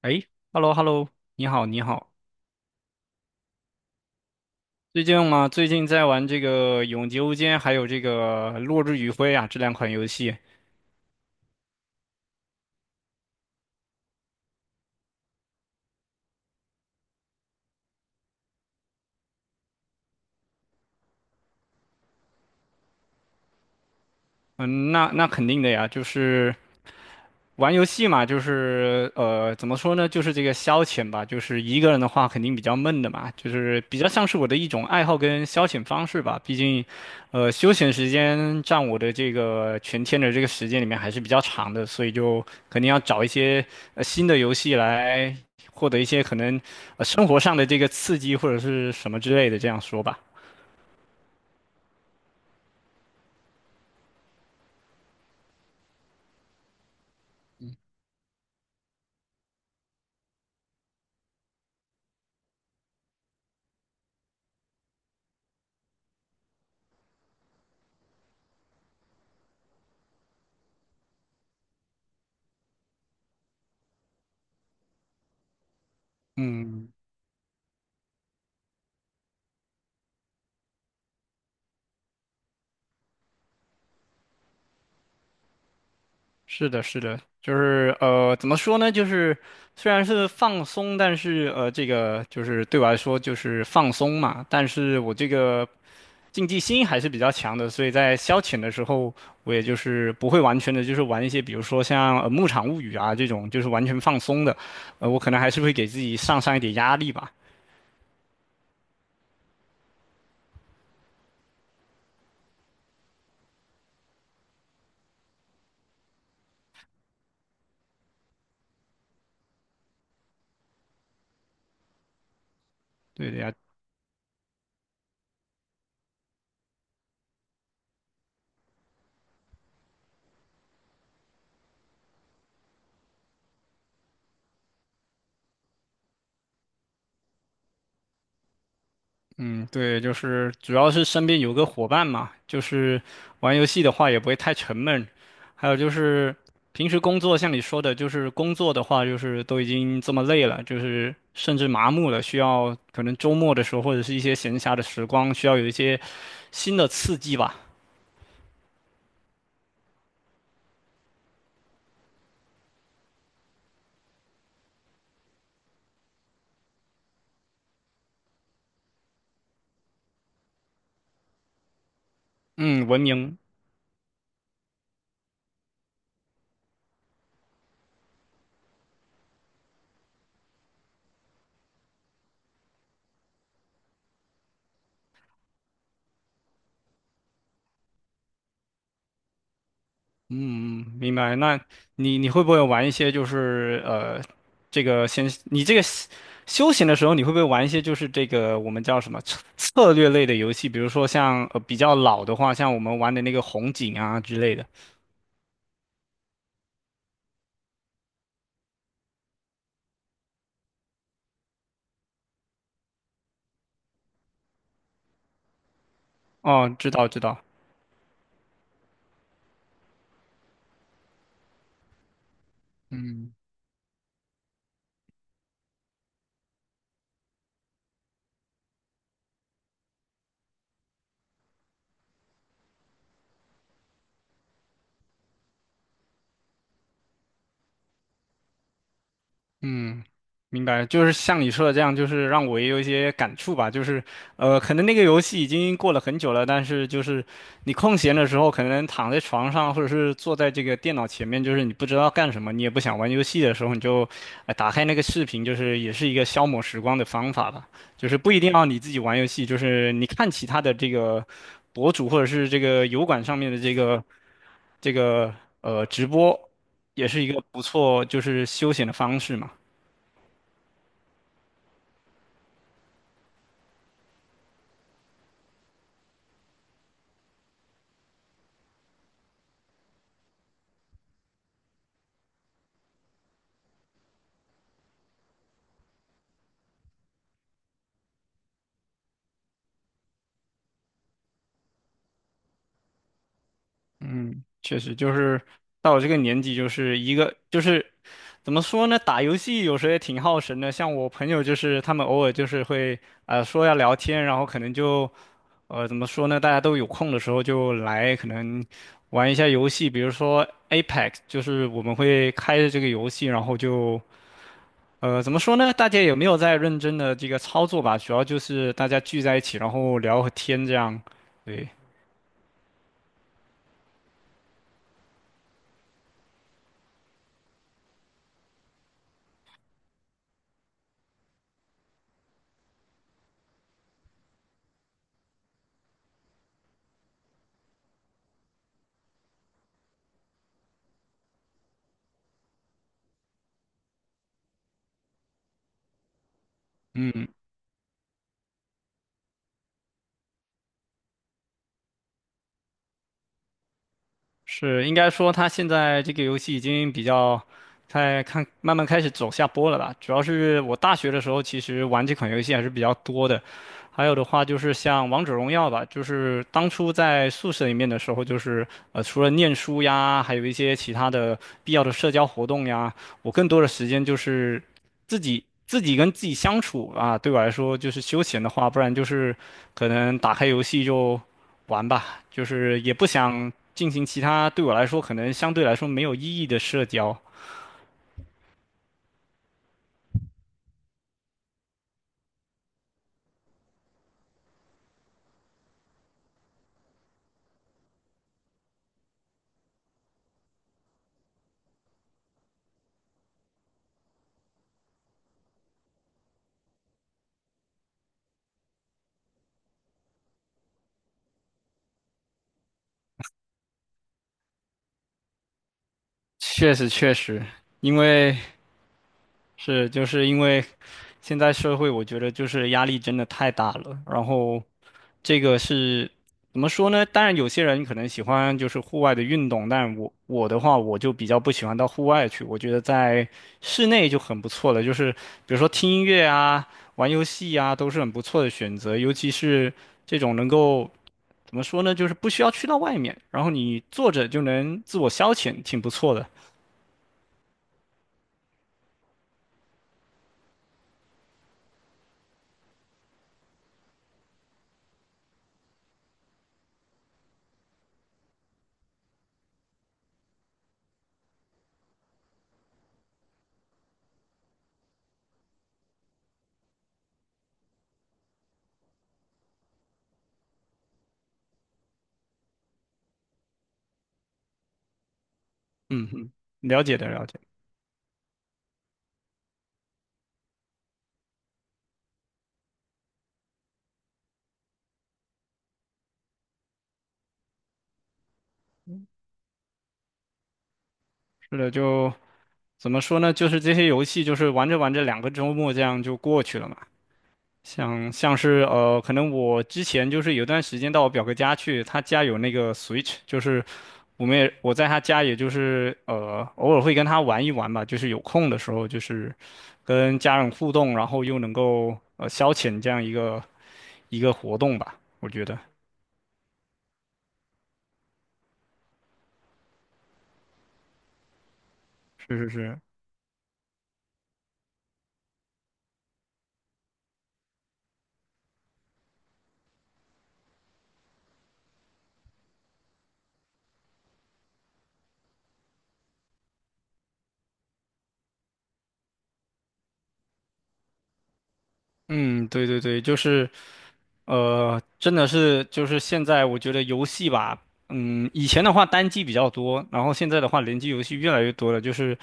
哎，hello hello，你好你好，最近嘛，最近在玩这个《永劫无间》还有这个《落日余晖》啊，这两款游戏。嗯，那肯定的呀，就是玩游戏嘛，怎么说呢，就是这个消遣吧，就是一个人的话肯定比较闷的嘛，就是比较像是我的一种爱好跟消遣方式吧。毕竟，休闲时间占我的这个全天的这个时间里面还是比较长的，所以就肯定要找一些新的游戏来获得一些可能生活上的这个刺激或者是什么之类的，这样说吧。嗯。是的，是的，怎么说呢？就是虽然是放松，但是这个就是对我来说就是放松嘛。但是我这个竞技心还是比较强的，所以在消遣的时候，我也就是不会完全的，就是玩一些比如说像《牧场物语》啊这种，就是完全放松的。呃，我可能还是会给自己上一点压力吧。对的呀，嗯，对，就是主要是身边有个伙伴嘛，就是玩游戏的话也不会太沉闷。还有就是平时工作，像你说的，就是工作的话，就是都已经这么累了，就是甚至麻木了，需要可能周末的时候或者是一些闲暇的时光，需要有一些新的刺激吧。嗯，文明。嗯，嗯明白。那你会不会玩一些就是呃，这个先你这个休休闲的时候，你会不会玩一些就是这个我们叫什么策策略类的游戏？比如说像比较老的话，像我们玩的那个红警啊之类的。哦，知道知道。嗯，明白，就是像你说的这样，就是让我也有一些感触吧。就是，呃，可能那个游戏已经过了很久了，但是就是你空闲的时候，可能躺在床上或者是坐在这个电脑前面，就是你不知道干什么，你也不想玩游戏的时候，你就，呃，打开那个视频，就是也是一个消磨时光的方法吧。就是不一定要你自己玩游戏，就是你看其他的这个博主或者是这个油管上面的这个。这个直播也是一个不错，就是休闲的方式嘛。嗯，确实就是到我这个年纪，就是一个就是怎么说呢？打游戏有时候也挺耗神的。像我朋友就是他们偶尔就是会说要聊天，然后可能就怎么说呢？大家都有空的时候就来可能玩一下游戏，比如说 Apex，就是我们会开着这个游戏，然后就怎么说呢？大家也没有在认真的这个操作吧，主要就是大家聚在一起，然后聊会天这样。对。是，应该说它现在这个游戏已经比较在看，慢慢开始走下坡了吧。主要是我大学的时候，其实玩这款游戏还是比较多的。还有的话就是像王者荣耀吧，就是当初在宿舍里面的时候，就是呃，除了念书呀，还有一些其他的必要的社交活动呀，我更多的时间就是自己跟自己相处啊。对我来说，就是休闲的话，不然就是可能打开游戏就。玩吧，就是也不想进行其他对我来说可能相对来说没有意义的社交。确实确实，因为是就是因为现在社会，我觉得就是压力真的太大了，然后这个是怎么说呢？当然，有些人可能喜欢就是户外的运动，但我的话，我就比较不喜欢到户外去。我觉得在室内就很不错了，就是比如说听音乐啊、玩游戏啊，都是很不错的选择。尤其是这种能够怎么说呢，就是不需要去到外面，然后你坐着就能自我消遣，挺不错的。嗯嗯，了解的了解，是的，就怎么说呢？就是这些游戏，就是玩着玩着，两个周末这样就过去了嘛。像是，可能我之前就是有段时间到我表哥家去，他家有那个 Switch，就是我在他家，也就是偶尔会跟他玩一玩吧，就是有空的时候，就是跟家人互动，然后又能够消遣这样一个活动吧，我觉得。是是是，嗯，对对对，就是。呃，真的是就是现在，我觉得游戏吧，嗯，以前的话单机比较多，然后现在的话联机游戏越来越多了。就是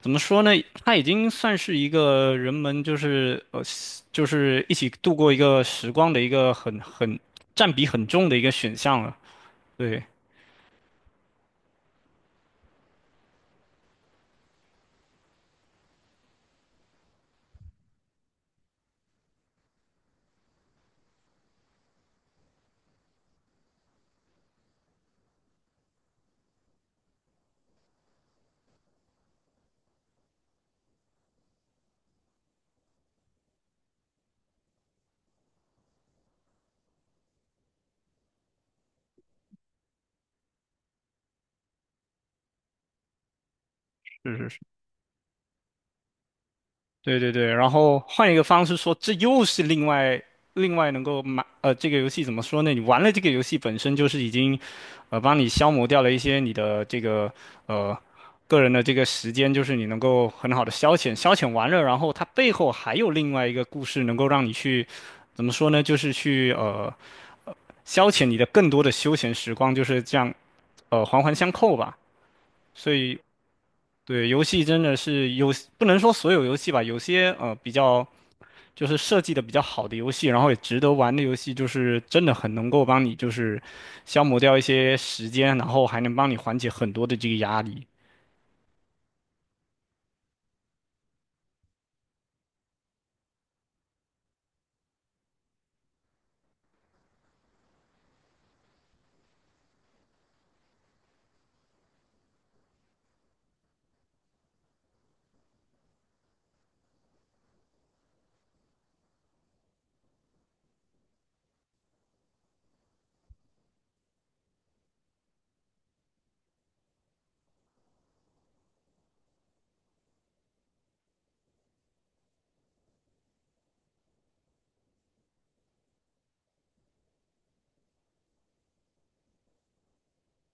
怎么说呢，它已经算是一个人们就是一起度过一个时光的一个很占比很重的一个选项了。对，是是是。对对对，然后换一个方式说，这又是另外能够买呃，这个游戏怎么说呢？你玩了这个游戏本身就是已经，呃，帮你消磨掉了一些你的这个呃个人的这个时间，就是你能够很好的消遣完了，然后它背后还有另外一个故事能够让你去怎么说呢？就是去消遣你的更多的休闲时光，就是这样环环相扣吧。所以对游戏真的是有不能说所有游戏吧，有些比较。就是设计的比较好的游戏，然后也值得玩的游戏，就是真的很能够帮你就是消磨掉一些时间，然后还能帮你缓解很多的这个压力。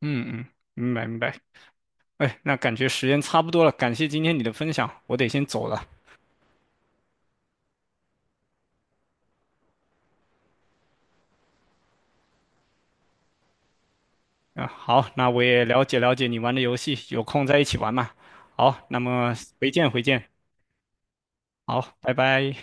嗯嗯，明白明白。哎，那感觉时间差不多了，感谢今天你的分享，我得先走了。啊，好，那我也了解了解你玩的游戏，有空再一起玩嘛。好，那么回见回见，好，拜拜。